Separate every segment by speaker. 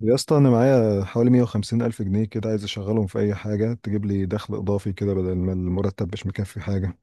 Speaker 1: يا اسطى، انا معايا حوالي 150 الف جنيه كده، عايز اشغلهم في اي حاجه تجيب لي دخل اضافي كده، بدل ما المرتب مش مكفي حاجه.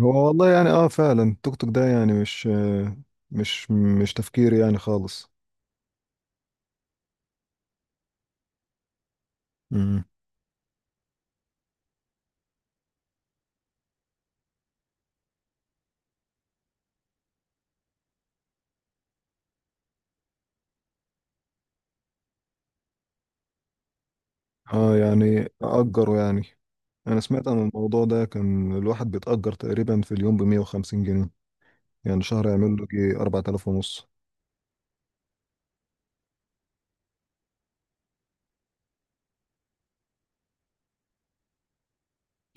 Speaker 1: هو والله يعني اه فعلا التوك توك ده يعني مش مش تفكير يعني خالص. امم. اه يعني اجره يعني، انا سمعت عن الموضوع ده، كان الواحد بيتأجر تقريبا في اليوم ب 150 جنيه، يعني شهر يعمل له جي 4000 ونص.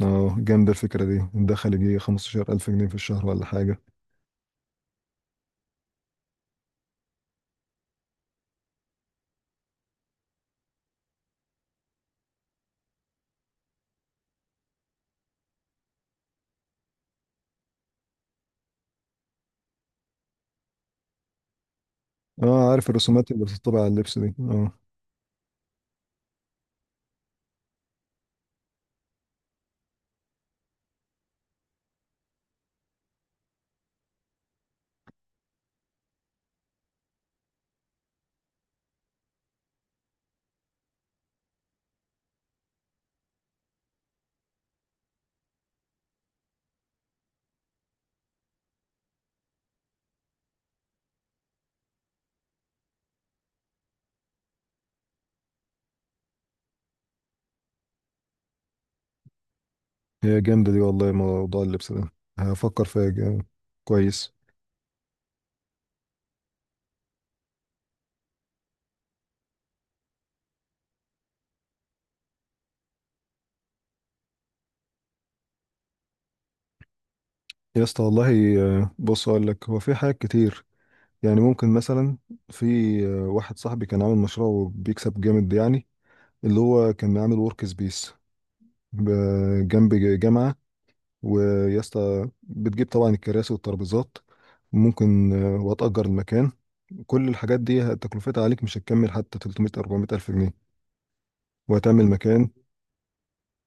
Speaker 1: اه، جامدة الفكرة دي، الدخل يجي 15000 جنيه في الشهر ولا حاجة. اه عارف، الرسومات اللي بتطبع على اللبس دي اه. هي جامدة دي والله، موضوع اللبس ده هفكر فيها جامد. كويس. يا اسطى والله، بص اقول لك، هو في حاجات كتير يعني، ممكن مثلا، في واحد صاحبي كان عامل مشروع وبيكسب جامد يعني، اللي هو كان عامل ورك سبيس جنب جامعة، ويا اسطى بتجيب طبعا الكراسي والترابيزات، ممكن وهتأجر المكان. كل الحاجات دي تكلفتها عليك مش هتكمل حتى 300 400 ألف جنيه، وهتعمل مكان،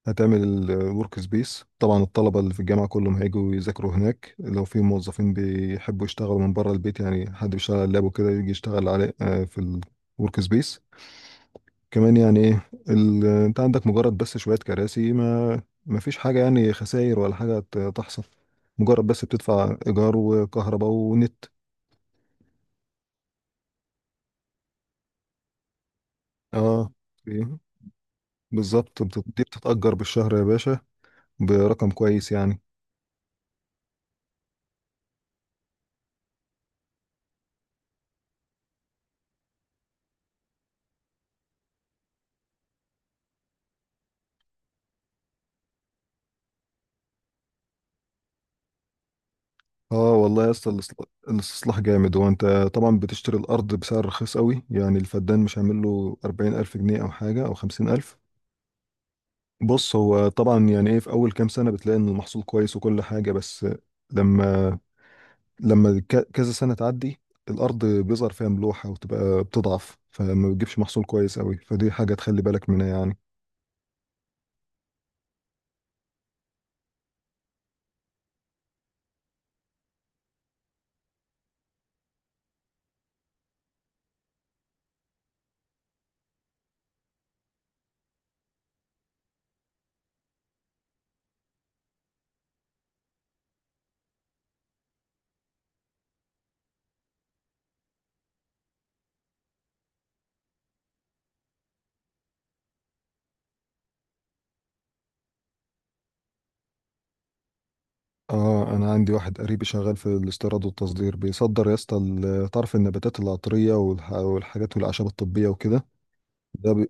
Speaker 1: هتعمل الورك سبيس. طبعا الطلبة اللي في الجامعة كلهم هيجوا يذاكروا هناك، لو في موظفين بيحبوا يشتغلوا من بره البيت، يعني حد بيشتغل على اللاب وكده يجي يشتغل عليه في الورك سبيس. كمان يعني ايه انت عندك مجرد بس شوية كراسي، ما فيش حاجة يعني، خسائر ولا حاجة تحصل. مجرد بس بتدفع إيجار وكهرباء ونت. اه إيه، بالظبط، دي بتتأجر بالشهر يا باشا برقم كويس يعني. اه والله يا اسطى، الاستصلاح جامد، هو انت طبعا بتشتري الارض بسعر رخيص قوي، يعني الفدان مش هيعمل له 40000 جنيه او حاجه او 50000. بص هو طبعا يعني ايه، في اول كام سنه بتلاقي ان المحصول كويس وكل حاجه، بس لما لما كذا سنه تعدي الارض بيظهر فيها ملوحه وتبقى بتضعف، فما بتجيبش محصول كويس قوي، فدي حاجه تخلي بالك منها يعني. اه، انا عندي واحد قريبي شغال في الاستيراد والتصدير، بيصدر يا اسطى تعرف النباتات العطريه والحاجات والاعشاب الطبيه وكده. ده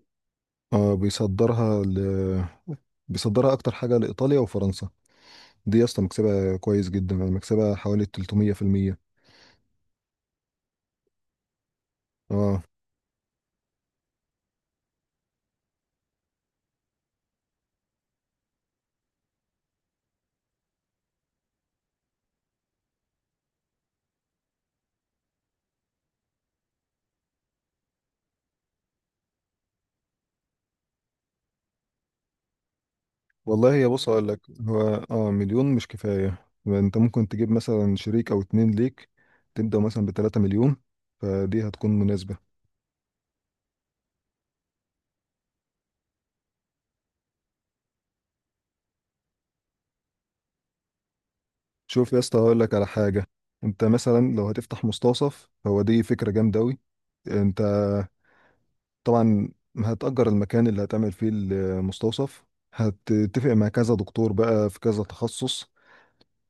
Speaker 1: اه بيصدرها اكتر حاجه لايطاليا وفرنسا. دي يا اسطى مكسبها كويس جدا، يعني مكسبها حوالي 300%. اه والله يا بص اقول لك، هو اه مليون مش كفايه، انت ممكن تجيب مثلا شريك او اتنين ليك، تبدا مثلا ب 3 مليون، فدي هتكون مناسبه. شوف يا اسطى، هقول لك على حاجه، انت مثلا لو هتفتح مستوصف، هو دي فكره جامده قوي. انت طبعا هتأجر المكان اللي هتعمل فيه المستوصف، هتتفق مع كذا دكتور بقى في كذا تخصص،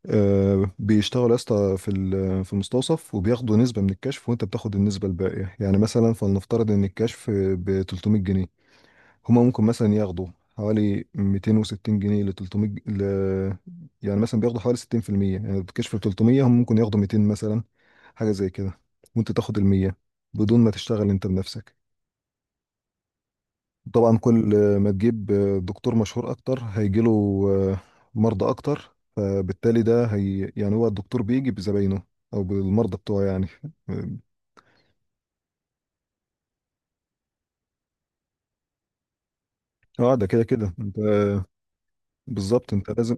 Speaker 1: بيشتغلوا يا اسطى في المستوصف، وبياخدوا نسبة من الكشف، وانت بتاخد النسبة الباقية. يعني مثلا فلنفترض ان الكشف ب 300 جنيه، هما ممكن مثلا ياخدوا حوالي 260 جنيه ل 300 ج- ل... يعني مثلا بياخدوا حوالي 60%، يعني الكشف ب 300 هم ممكن ياخدوا 200 مثلا، حاجة زي كده، وانت تاخد ال 100 بدون ما تشتغل انت بنفسك. طبعا كل ما تجيب دكتور مشهور اكتر، هيجيله مرضى اكتر، فبالتالي ده هي يعني هو الدكتور بيجي بزباينه او بالمرضى بتوعه يعني. اه ده كده كده انت، بالظبط انت لازم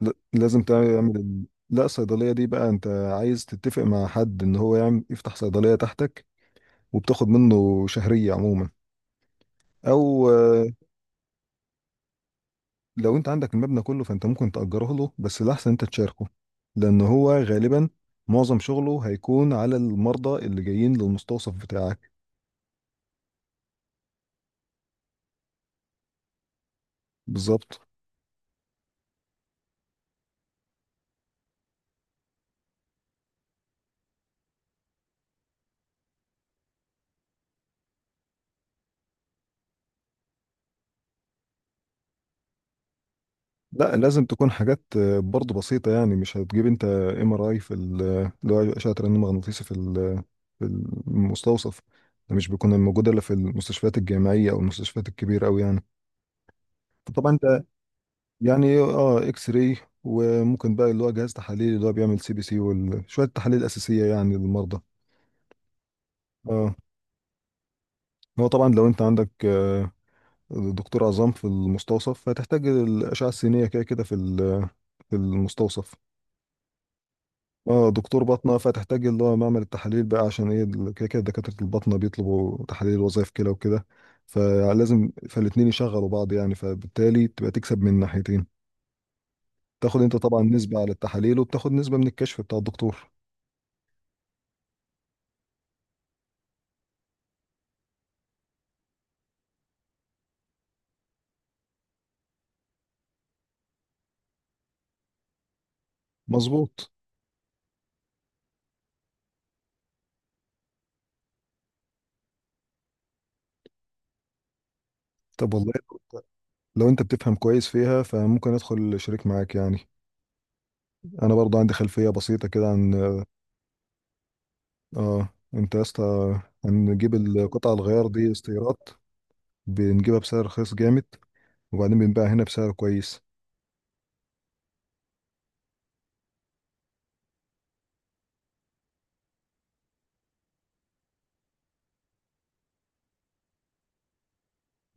Speaker 1: لازم تعمل لا الصيدليه دي بقى، انت عايز تتفق مع حد ان هو يفتح صيدليه تحتك، وبتاخد منه شهريه عموما. او آه، لو انت عندك المبنى كله فانت ممكن تأجره له، بس الأحسن انت تشاركه، لأن هو غالبا معظم شغله هيكون على المرضى اللي جايين للمستوصف بتاعك. بالظبط. لا لازم تكون حاجات برضه بسيطة، يعني مش هتجيب انت ام ار اي اللي هو أشعة رنين مغناطيسي في المستوصف، ده مش بيكون موجود الا في المستشفيات الجامعية او المستشفيات الكبيرة أوي يعني. طبعا انت يعني اه اكس راي، وممكن بقى اللي هو جهاز تحاليل اللي هو بيعمل سي بي سي وشوية تحاليل أساسية يعني للمرضى. اه، هو طبعا لو انت عندك دكتور عظام في المستوصف فتحتاج الاشعه السينيه كده كده في المستوصف. اه دكتور باطنه فتحتاج اللي هو معمل التحاليل بقى، عشان ايه كده كده دكاتره الباطنه بيطلبوا تحاليل وظائف كلى وكده، فالاتنين يشغلوا بعض يعني، فبالتالي تبقى تكسب من ناحيتين، تاخد انت طبعا نسبه على التحاليل، وبتاخد نسبه من الكشف بتاع الدكتور. مظبوط. طب والله لو انت بتفهم كويس فيها فممكن ادخل شريك معاك يعني، انا برضه عندي خلفيه بسيطه كده عن اه. انت يا اسطى هنجيب القطع الغيار دي استيراد، بنجيبها بسعر رخيص جامد، وبعدين بنبيعها هنا بسعر كويس.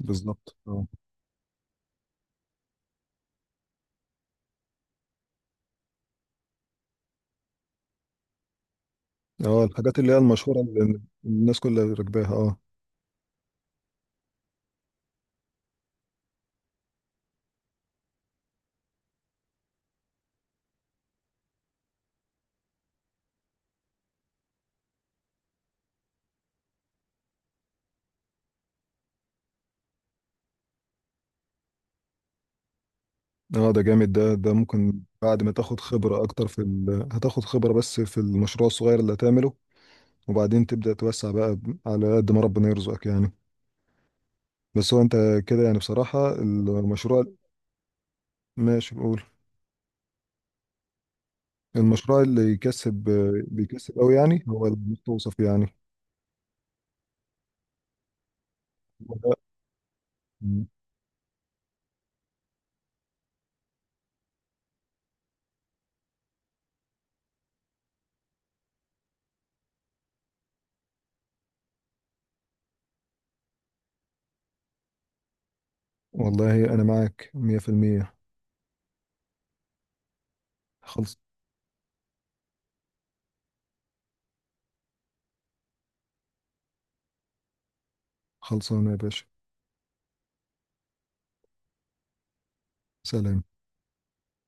Speaker 1: بالظبط اه. اه الحاجات اللي هي المشهورة اللي الناس كلها راكباها اه. اه ده جامد، ده ممكن بعد ما تاخد خبرة اكتر هتاخد خبرة بس في المشروع الصغير اللي هتعمله، وبعدين تبدأ توسع بقى على قد ما ربنا يرزقك يعني. بس هو انت كده يعني، بصراحة المشروع ماشي، بقول المشروع اللي يكسب بيكسب قوي، يعني هو المستوصف يعني. والله والله أنا معك مية في المية. خلص. خلصانة يا باشا. سلام.